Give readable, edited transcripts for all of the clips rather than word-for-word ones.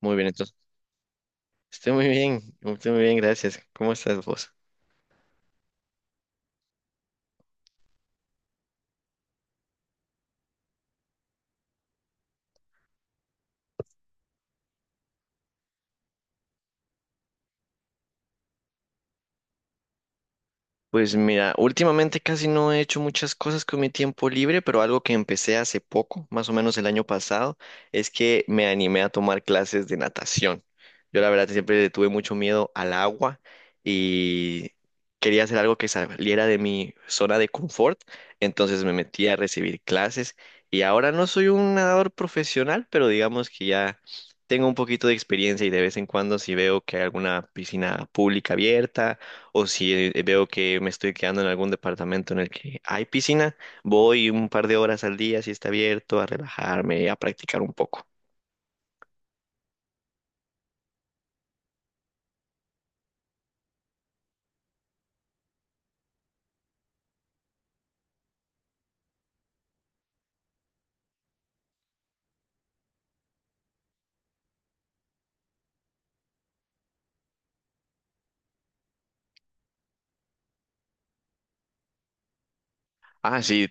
Muy bien, entonces. Estoy muy bien, gracias. ¿Cómo estás vos? Pues mira, últimamente casi no he hecho muchas cosas con mi tiempo libre, pero algo que empecé hace poco, más o menos el año pasado, es que me animé a tomar clases de natación. Yo la verdad siempre le tuve mucho miedo al agua y quería hacer algo que saliera de mi zona de confort, entonces me metí a recibir clases y ahora no soy un nadador profesional, pero digamos que ya tengo un poquito de experiencia y de vez en cuando si veo que hay alguna piscina pública abierta o si veo que me estoy quedando en algún departamento en el que hay piscina, voy un par de horas al día si está abierto a relajarme, a practicar un poco. Ah, sí,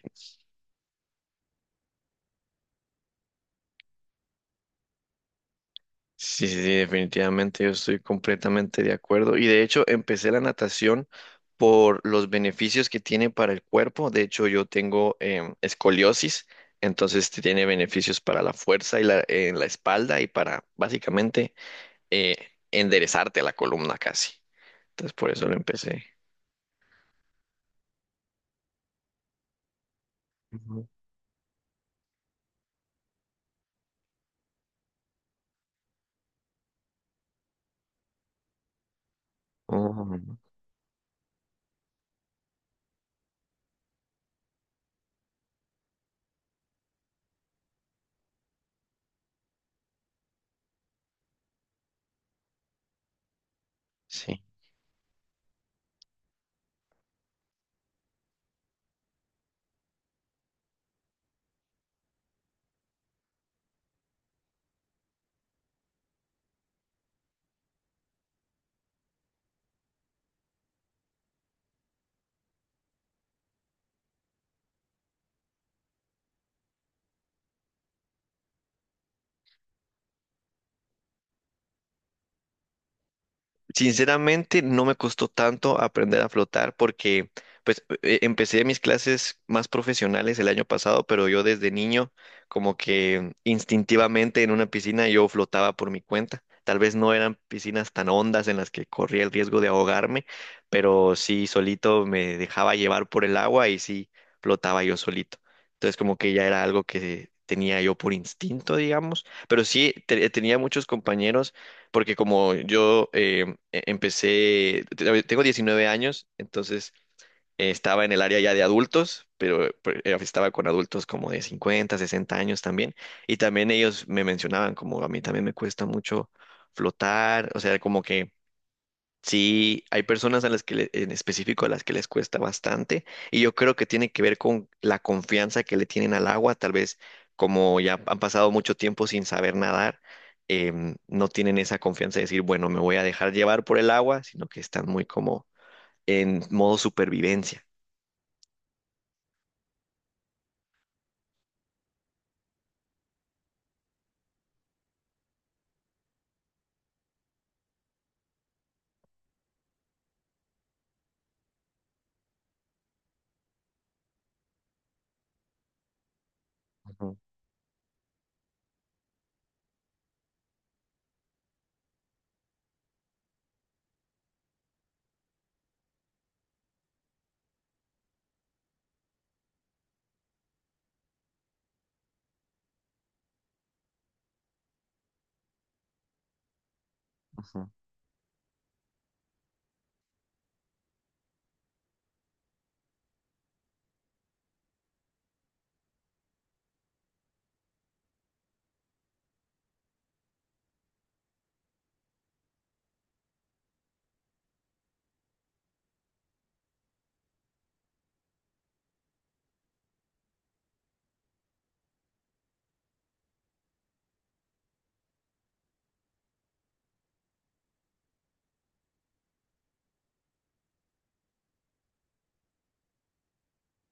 sí, sí, sí, definitivamente yo estoy completamente de acuerdo. Y de hecho empecé la natación por los beneficios que tiene para el cuerpo. De hecho yo tengo escoliosis, entonces tiene beneficios para la fuerza y la, en la espalda y para básicamente eh, enderezarte la columna casi. Entonces por eso lo empecé. Oh, sí. Sinceramente, no me costó tanto aprender a flotar porque pues empecé mis clases más profesionales el año pasado, pero yo desde niño como que instintivamente en una piscina yo flotaba por mi cuenta. Tal vez no eran piscinas tan hondas en las que corría el riesgo de ahogarme, pero sí solito me dejaba llevar por el agua y sí flotaba yo solito. Entonces como que ya era algo que tenía yo por instinto, digamos, pero sí tenía muchos compañeros porque como yo empecé, tengo 19 años, entonces estaba en el área ya de adultos, pero, estaba con adultos como de 50, 60 años también, y también ellos me mencionaban como a mí también me cuesta mucho flotar, o sea, como que sí, hay personas a las que en específico a las que les cuesta bastante y yo creo que tiene que ver con la confianza que le tienen al agua, tal vez como ya han pasado mucho tiempo sin saber nadar, no tienen esa confianza de decir, bueno, me voy a dejar llevar por el agua, sino que están muy como en modo supervivencia. Ujú, ujú,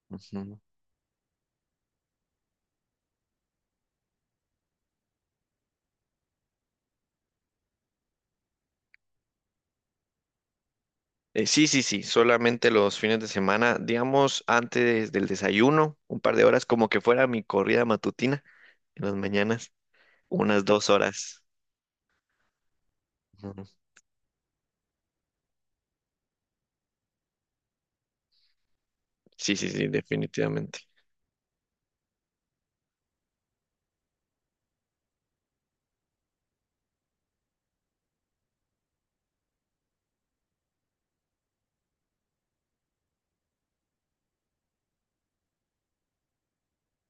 ujú. Sí, sí, sí, solamente los fines de semana, digamos antes del desayuno, un par de horas, como que fuera mi corrida matutina en las mañanas, unas dos horas. Ujú, sí, sí, sí, definitivamente.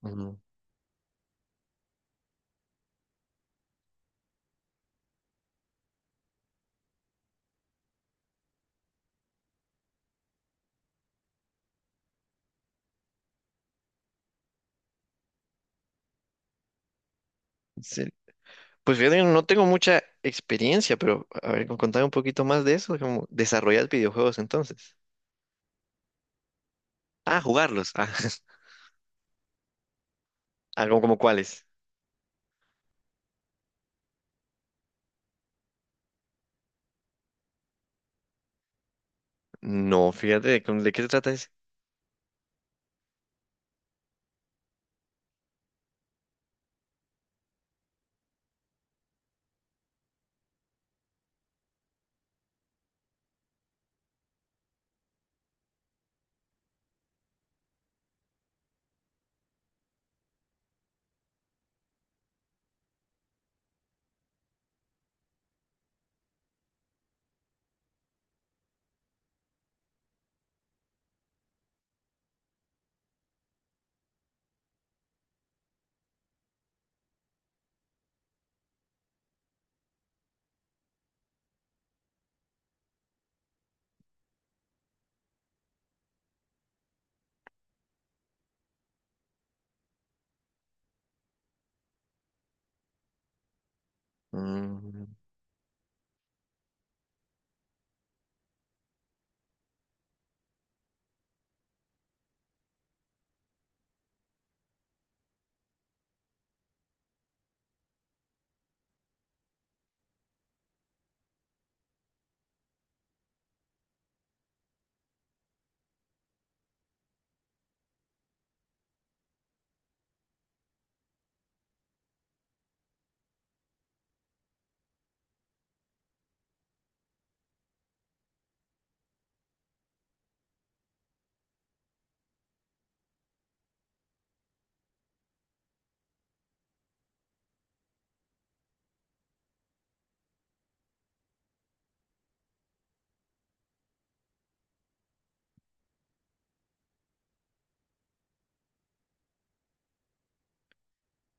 Ujú. Sí. Pues fíjate, que no tengo mucha experiencia, pero a ver, contame un poquito más de eso, como desarrollar videojuegos entonces. Ah, jugarlos. Ah, ah, como, como cuáles. No, fíjate, ¿de, ¿cómo- ¿de qué se trata ese?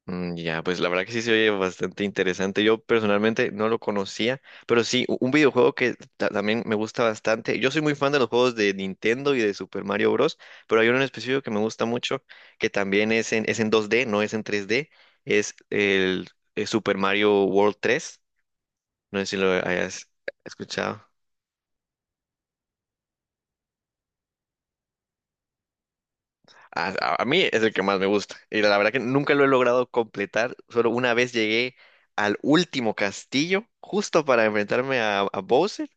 Mm, ya, pues la verdad que sí se oye bastante interesante. Yo personalmente no lo conocía, pero sí, un videojuego que también me gusta bastante. Yo soy muy fan de los juegos de Nintendo y de Super Mario Bros., pero hay uno en específico que me gusta mucho, que también es en 2D, no es en 3D, es el Super Mario World 3. No sé si lo hayas escuchado. A, a mí es el que más me gusta. Y la verdad que nunca lo he logrado completar. Solo una vez llegué al último castillo, justo para enfrentarme a Bowser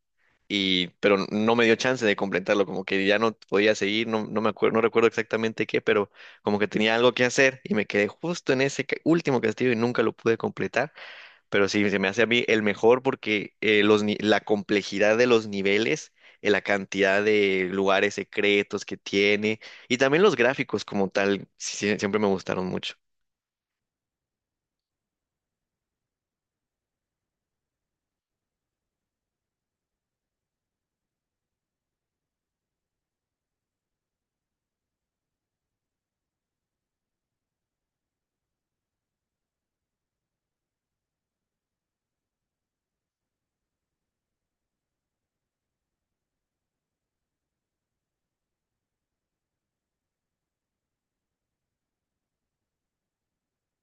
y pero no me dio chance de completarlo, como que ya no podía seguir, no, no me acuerdo, no recuerdo exactamente qué, pero como que tenía algo que hacer y me quedé justo en ese último castillo y nunca lo pude completar, pero sí, se me hace a mí el mejor porque los, la complejidad de los niveles, la cantidad de lugares secretos que tiene y también los gráficos como tal, sí, sí, siempre me gustaron mucho.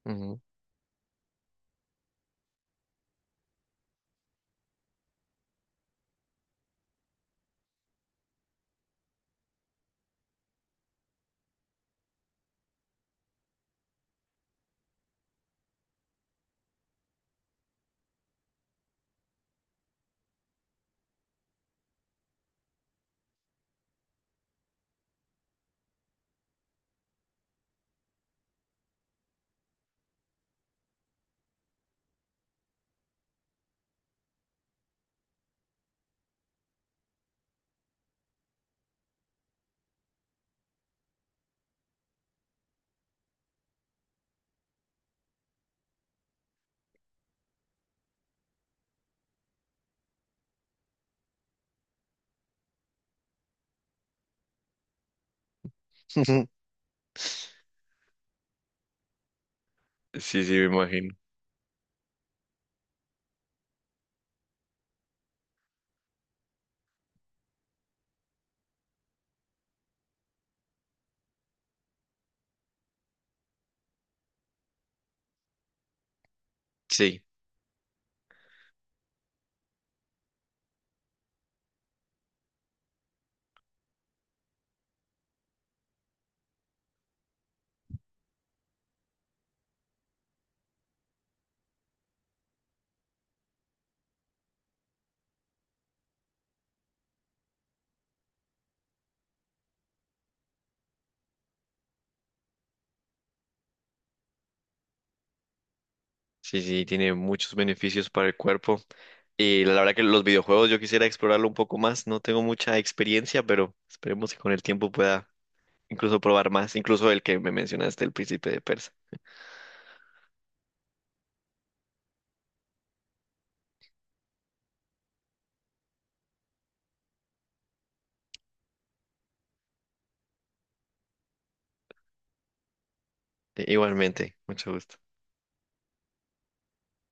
Ujú. Sí, sí, me imagino. Sí. Sí, sí, tiene muchos beneficios para el cuerpo. Y la verdad que los videojuegos yo quisiera explorarlo un poco más. No tengo mucha experiencia, pero esperemos que con el tiempo pueda incluso probar más, incluso el que me mencionaste, el Príncipe de Persa. Igualmente, mucho gusto.